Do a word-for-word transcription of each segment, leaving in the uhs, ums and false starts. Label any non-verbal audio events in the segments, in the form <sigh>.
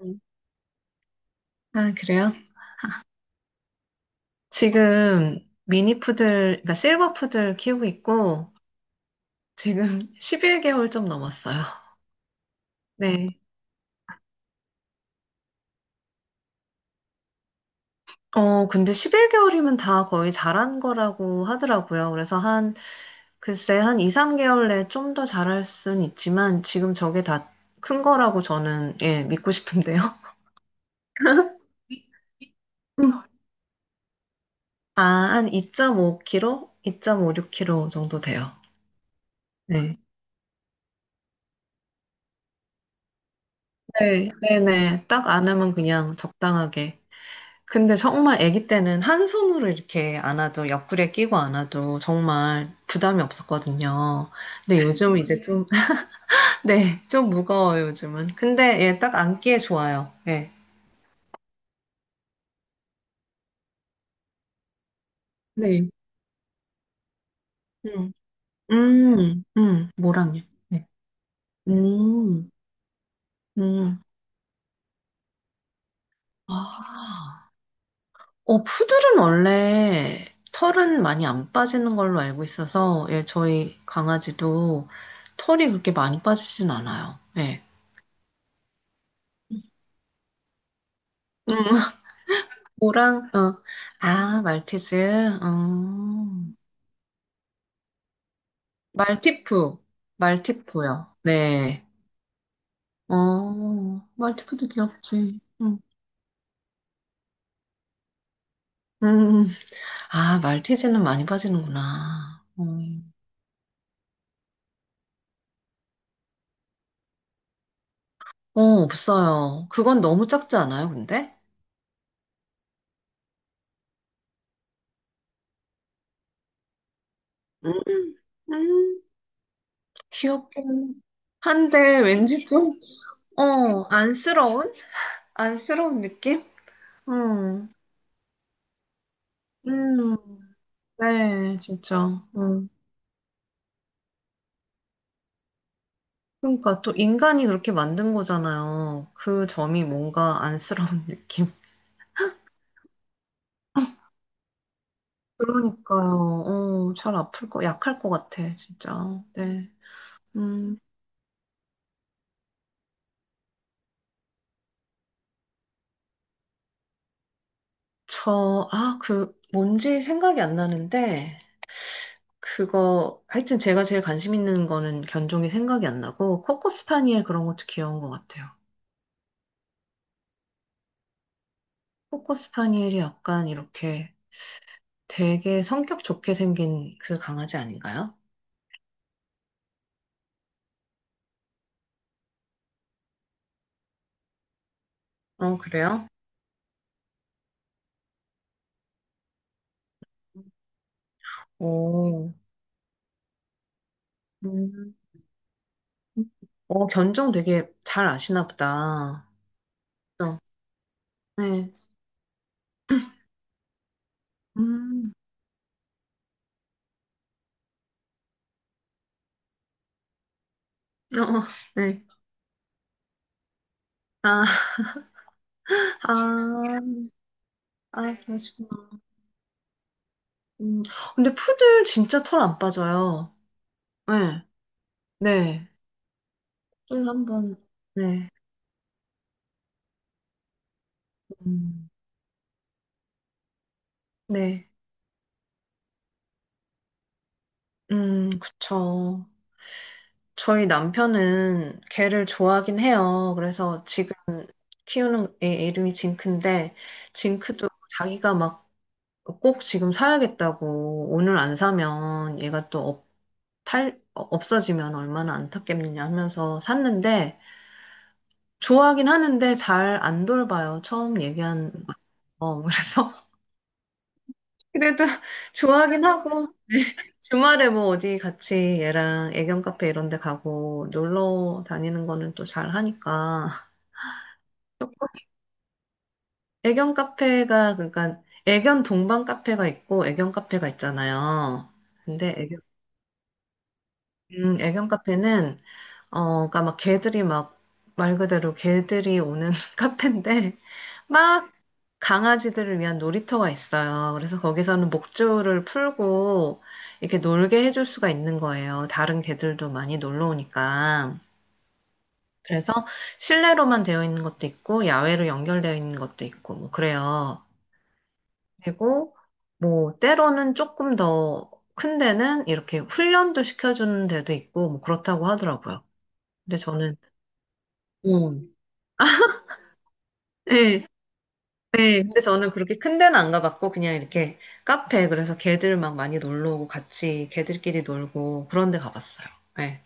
음. 아, 그래요? 지금 미니 푸들, 그러니까 실버 푸들 키우고 있고, 지금 <laughs> 십일 개월 좀 넘었어요. 네. 어, 근데 십일 개월이면 다 거의 자란 거라고 하더라고요. 그래서 한, 글쎄, 한 이, 삼 개월 내에 좀 더 자랄 순 있지만, 지금 저게 다 큰 거라고 저는, 예, 믿고 싶은데요. <laughs> 음. 아, 한 이 점 오 킬로그램? 이 점 오륙 킬로그램 정도 돼요. 네. 네, 네네. 딱 안으면 그냥 적당하게. 근데 정말 아기 때는 한 손으로 이렇게 안아도 옆구리에 끼고 안아도 정말 부담이 없었거든요. 근데 요즘은 이제 음. 좀 <laughs> 네. 좀 무거워요, 요즘은. 근데 예 딱 안기에 좋아요. 예. 네. 음. 음. 음. 모랑요. 네. 음. 음. 아. 어 푸들은 원래 털은 많이 안 빠지는 걸로 알고 있어서 예 저희 강아지도 털이 그렇게 많이 빠지진 않아요. 예. 음. 오랑, 어. 아, 말티즈. 어. 말티푸. 말티푸요. 네. 어, 말티푸도 귀엽지. 응. 음. 아, 말티즈는 많이 빠지는구나. 어, 어, 없어요. 그건 너무 작지 않아요, 근데? 음, 음, 귀엽긴 한데, 왠지 좀, 어, 안쓰러운? 안쓰러운 느낌? 음, 음, 네, 진짜. 응. 그러니까 또 인간이 그렇게 만든 거잖아요. 그 점이 뭔가 안쓰러운 <laughs> 느낌. 그러니까요. 어, 잘 아플 거, 약할 것 같아, 진짜. 네. 음, 저, 아, 그, 뭔지 생각이 안 나는데, 그거, 하여튼 제가 제일 관심 있는 거는 견종이 생각이 안 나고, 코코스파니엘 그런 것도 귀여운 것 같아요. 코코스파니엘이 약간 이렇게 되게 성격 좋게 생긴 그 강아지 아닌가요? 어, 그래요? 오, 음. 어, 견종 되게 잘 아시나 보다. 그죠? 네. 음, 어, 어, 네. 아, 아, 아, 그러시구나. 음, 근데 푸들 진짜 털 안 빠져요. 네, 네. 좀 한번, 네. 음, 네. 음, 그쵸. 저희 남편은 개를 좋아하긴 해요. 그래서 지금 키우는 애 이름이 징크인데, 징크도 자기가 막 꼭 지금 사야겠다고 오늘 안 사면 얘가 또 없- 팔, 어, 없어지면 얼마나 안타깝느냐 하면서 샀는데 좋아하긴 하는데 잘 안 돌봐요. 처음 얘기한 거. 그래서 <laughs> 그래도 좋아하긴 하고 <laughs> 주말에 뭐 어디 같이 얘랑 애견 카페 이런 데 가고 놀러 다니는 거는 또 잘 하니까 애견 카페가 그러니까 애견 동반 카페가 있고 애견 카페가 있잖아요. 근데 애견, 음, 애견 카페는 어, 그러니까 막 개들이 막 말 그대로 개들이 오는 <laughs> 카페인데 막 강아지들을 위한 놀이터가 있어요. 그래서 거기서는 목줄을 풀고 이렇게 놀게 해줄 수가 있는 거예요. 다른 개들도 많이 놀러 오니까. 그래서 실내로만 되어 있는 것도 있고 야외로 연결되어 있는 것도 있고 뭐 그래요. 그리고 뭐 때로는 조금 더 큰 데는 이렇게 훈련도 시켜주는 데도 있고 뭐 그렇다고 하더라고요. 근데 저는 음. 네, 네, 근데 저는 그렇게 큰 데는 안 가봤고, 그냥 이렇게 카페, 그래서 걔들 막 많이 놀러 오고, 같이 걔들끼리 놀고, 그런 데 가봤어요. 네.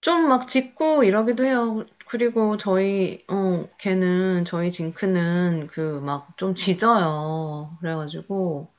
좀 막 짖고 이러기도 해요. 그리고 저희, 어, 걔는, 저희 징크는 그 막 좀 짖어요. 그래가지고,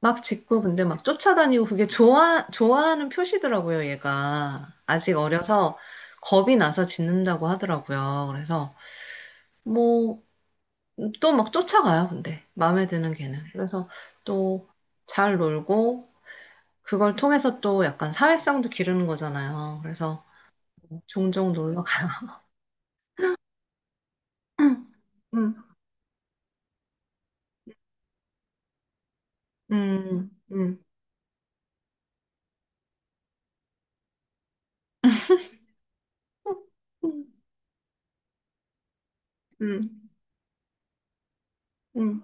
막 짖고, 근데 막 쫓아다니고, 그게 좋아, 좋아하는 표시더라고요, 얘가. 아직 어려서 겁이 나서 짖는다고 하더라고요. 그래서, 뭐, 또 막 쫓아가요, 근데. 마음에 드는 걔는. 그래서 또 잘 놀고, 그걸 통해서 또 약간 사회성도 기르는 거잖아요. 그래서 종종 놀러 가요. 음, 음, 음, 음, 음, 음, 음,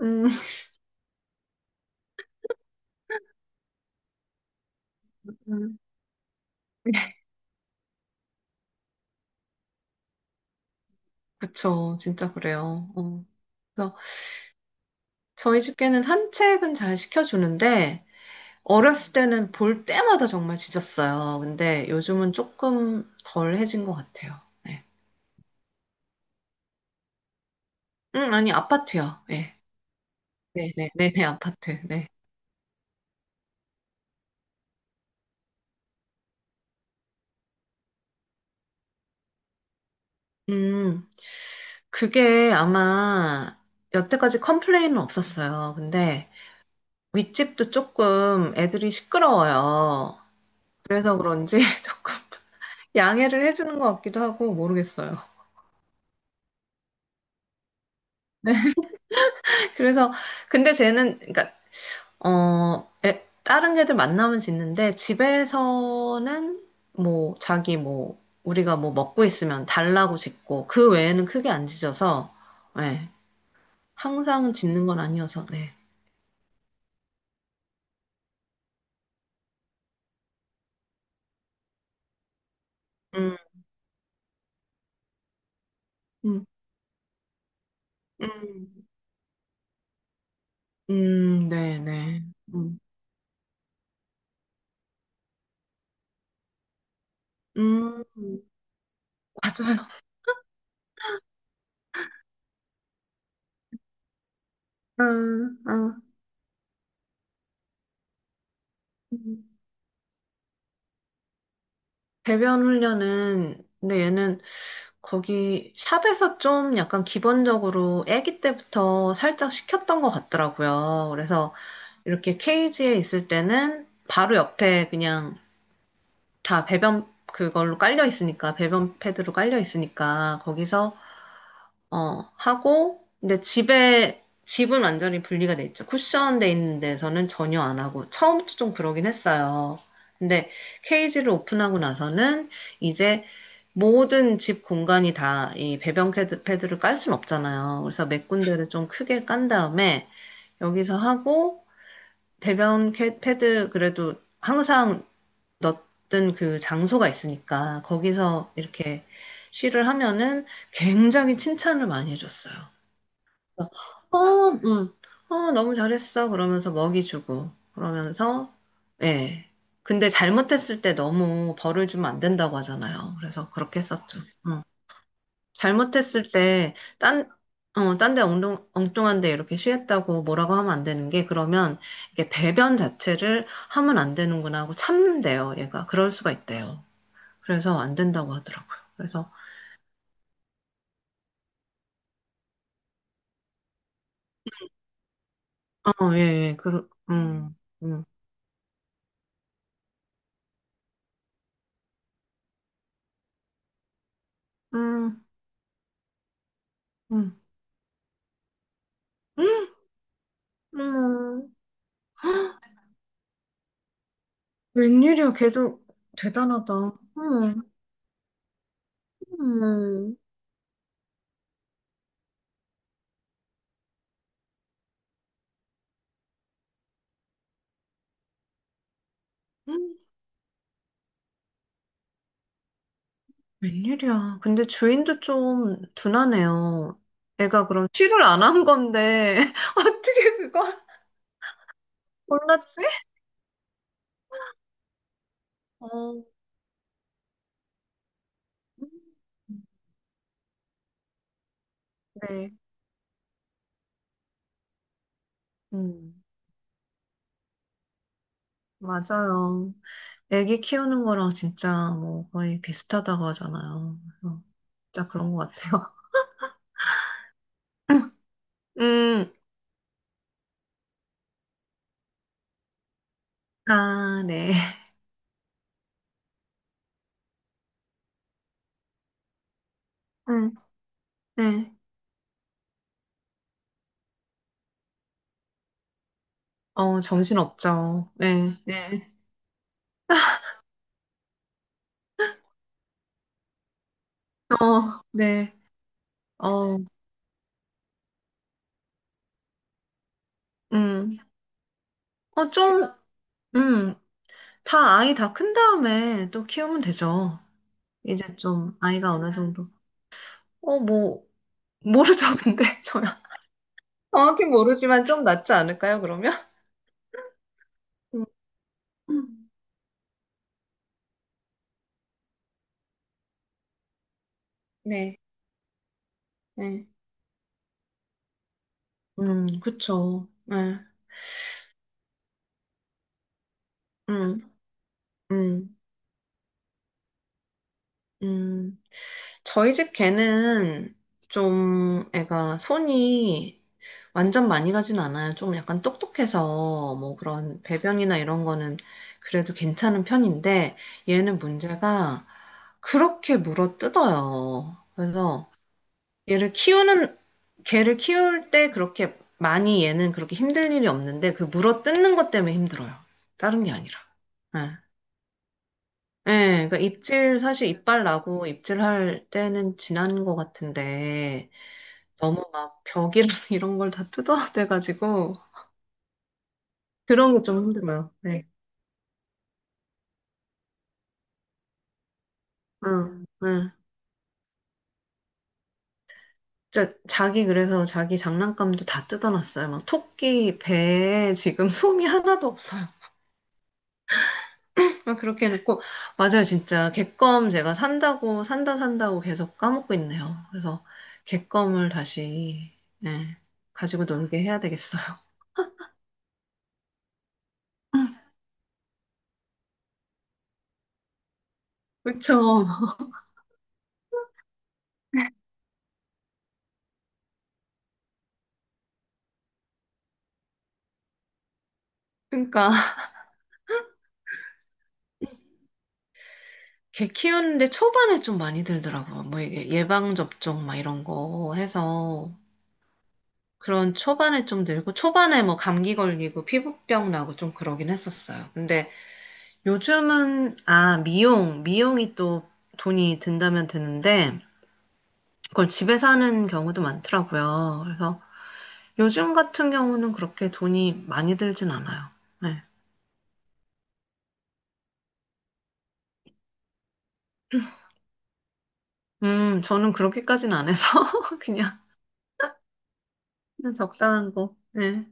음. 음. 그쵸, 진짜 그래요. 어. 그래서 저희 집게는 산책은 잘 시켜주는데, 어렸을 때는 볼 때마다 정말 짖었어요. 근데 요즘은 조금 덜 해진 것 같아요. 네. 음, 아니, 아파트요. 예. 네네, 네네, 아파트, 네. 음, 그게 아마 여태까지 컴플레인은 없었어요. 근데 윗집도 조금 애들이 시끄러워요. 그래서 그런지 <laughs> 조금 양해를 해주는 것 같기도 하고 모르겠어요. <laughs> 네, 그래서 근데 쟤는 그러니까 어 애- 다른 애들 만나면 짖는데 집에서는 뭐 자기 뭐 우리가 뭐 먹고 있으면 달라고 짖고 그 외에는 크게 안 짖어서 항상 짓는 건 아니어서, 네. 음, 음, 음, 음, 네, 네. 음, 음, 맞아요. 음, 음. 음. 배변 훈련은, 근데 얘는 거기 샵에서 좀 약간 기본적으로 아기 때부터 살짝 시켰던 것 같더라고요. 그래서 이렇게 케이지에 있을 때는 바로 옆에 그냥 다 배변 그걸로 깔려 있으니까, 배변 패드로 깔려 있으니까, 거기서 어, 하고, 근데 집에, 집은 완전히 분리가 돼 있죠. 쿠션돼 있는 데서는 전혀 안 하고, 처음부터 좀 그러긴 했어요. 근데 케이지를 오픈하고 나서는 이제 모든 집 공간이 다 이 배변 패드, 패드를 깔 순 없잖아요. 그래서 몇 군데를 좀 크게 깐 다음에 여기서 하고, 배변 캐- 패드 그래도 항상 넣던 그 장소가 있으니까 거기서 이렇게 쉬를 하면은 굉장히 칭찬을 많이 해줬어요. 어, 음, 어, 너무 잘했어. 그러면서 먹이 주고, 그러면서, 예. 근데 잘못했을 때 너무 벌을 주면 안 된다고 하잖아요. 그래서 그렇게 했었죠. 음. 잘못했을 때, 딴, 어, 딴데 엉뚱, 엉뚱한데 이렇게 쉬했다고 뭐라고 하면 안 되는 게, 그러면 이게 배변 자체를 하면 안 되는구나 하고 참는데요, 얘가. 그럴 수가 있대요. 그래서 안 된다고 하더라고요. 그래서, 어, 예, 예, 그, 음, 음, 음, 음, 음, 음. 웬일이야, 걔도 대단하다. 응, 응, 응, 웬일이야. 근데 주인도 좀 둔하네요. 애가 그럼 치료를 안 한 건데, <laughs> 어떻게 그걸 몰랐지? 어, 음, 네, 음, 맞아요. 애기 키우는 거랑 진짜 뭐 거의 비슷하다고 하잖아요. 그래서 진짜 그런 것 같아요. <laughs> 음, 아, 네. 음. 네. 어, 정신 없죠. 네, 네. 어, 네. 어, 음. 어, 좀, 음. 다 아이 다 큰 다음에 또 키우면 되죠. 이제 좀 아이가 어느 정도. 어, 뭐, 모르죠, 근데. <laughs> 저야. 정확히 모르지만 좀 낫지 않을까요, 그러면? 음. 네. 네. 음, 그쵸. 네. 음, 음. 음, 저희 집 개는 좀 애가 손이 완전 많이 가진 않아요. 좀 약간 똑똑해서 뭐 그런 배변이나 이런 거는 그래도 괜찮은 편인데 얘는 문제가 그렇게 물어 뜯어요. 그래서 얘를 키우는, 개를 키울 때 그렇게 많이 얘는 그렇게 힘들 일이 없는데 그 물어 뜯는 것 때문에 힘들어요. 다른 게 아니라. 네. 예, 그러니까 입질, 사실 이빨 나고 입질할 때는 지난 것 같은데, 너무 막 벽이랑 <laughs> 이런 걸 다 뜯어야 돼가지고, 그런 게 좀 힘들어요. 네. 응, 응. 진짜 자기 그래서 자기 장난감도 다 뜯어놨어요. 막 토끼 배에 지금 <laughs> 솜이 하나도 없어요. 막 그렇게 해놓고, 맞아요, 진짜. 객검 제가 산다고, 산다, 산다고 계속 까먹고 있네요. 그래서 객검을 다시, 예, 가지고 놀게 해야 되겠어요. <laughs> 그쵸. 그러니까. 개 키우는데 초반에 좀 많이 들더라고요. 뭐 이게 예방접종 막 이런 거 해서 그런 초반에 좀 들고 초반에 뭐 감기 걸리고 피부병 나고 좀 그러긴 했었어요. 근데 요즘은 아, 미용, 미용이 또 돈이 든다면 드는데 그걸 집에서 하는 경우도 많더라고요. 그래서 요즘 같은 경우는 그렇게 돈이 많이 들진 않아요. 네. 음, 저는 그렇게까지는 안 해서 <laughs> 그냥 그냥 적당한 거. 네.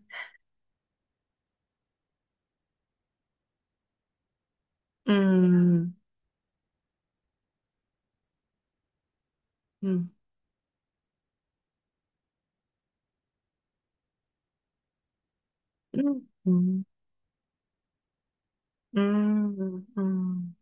음. 음. 음, 음, 음. 음.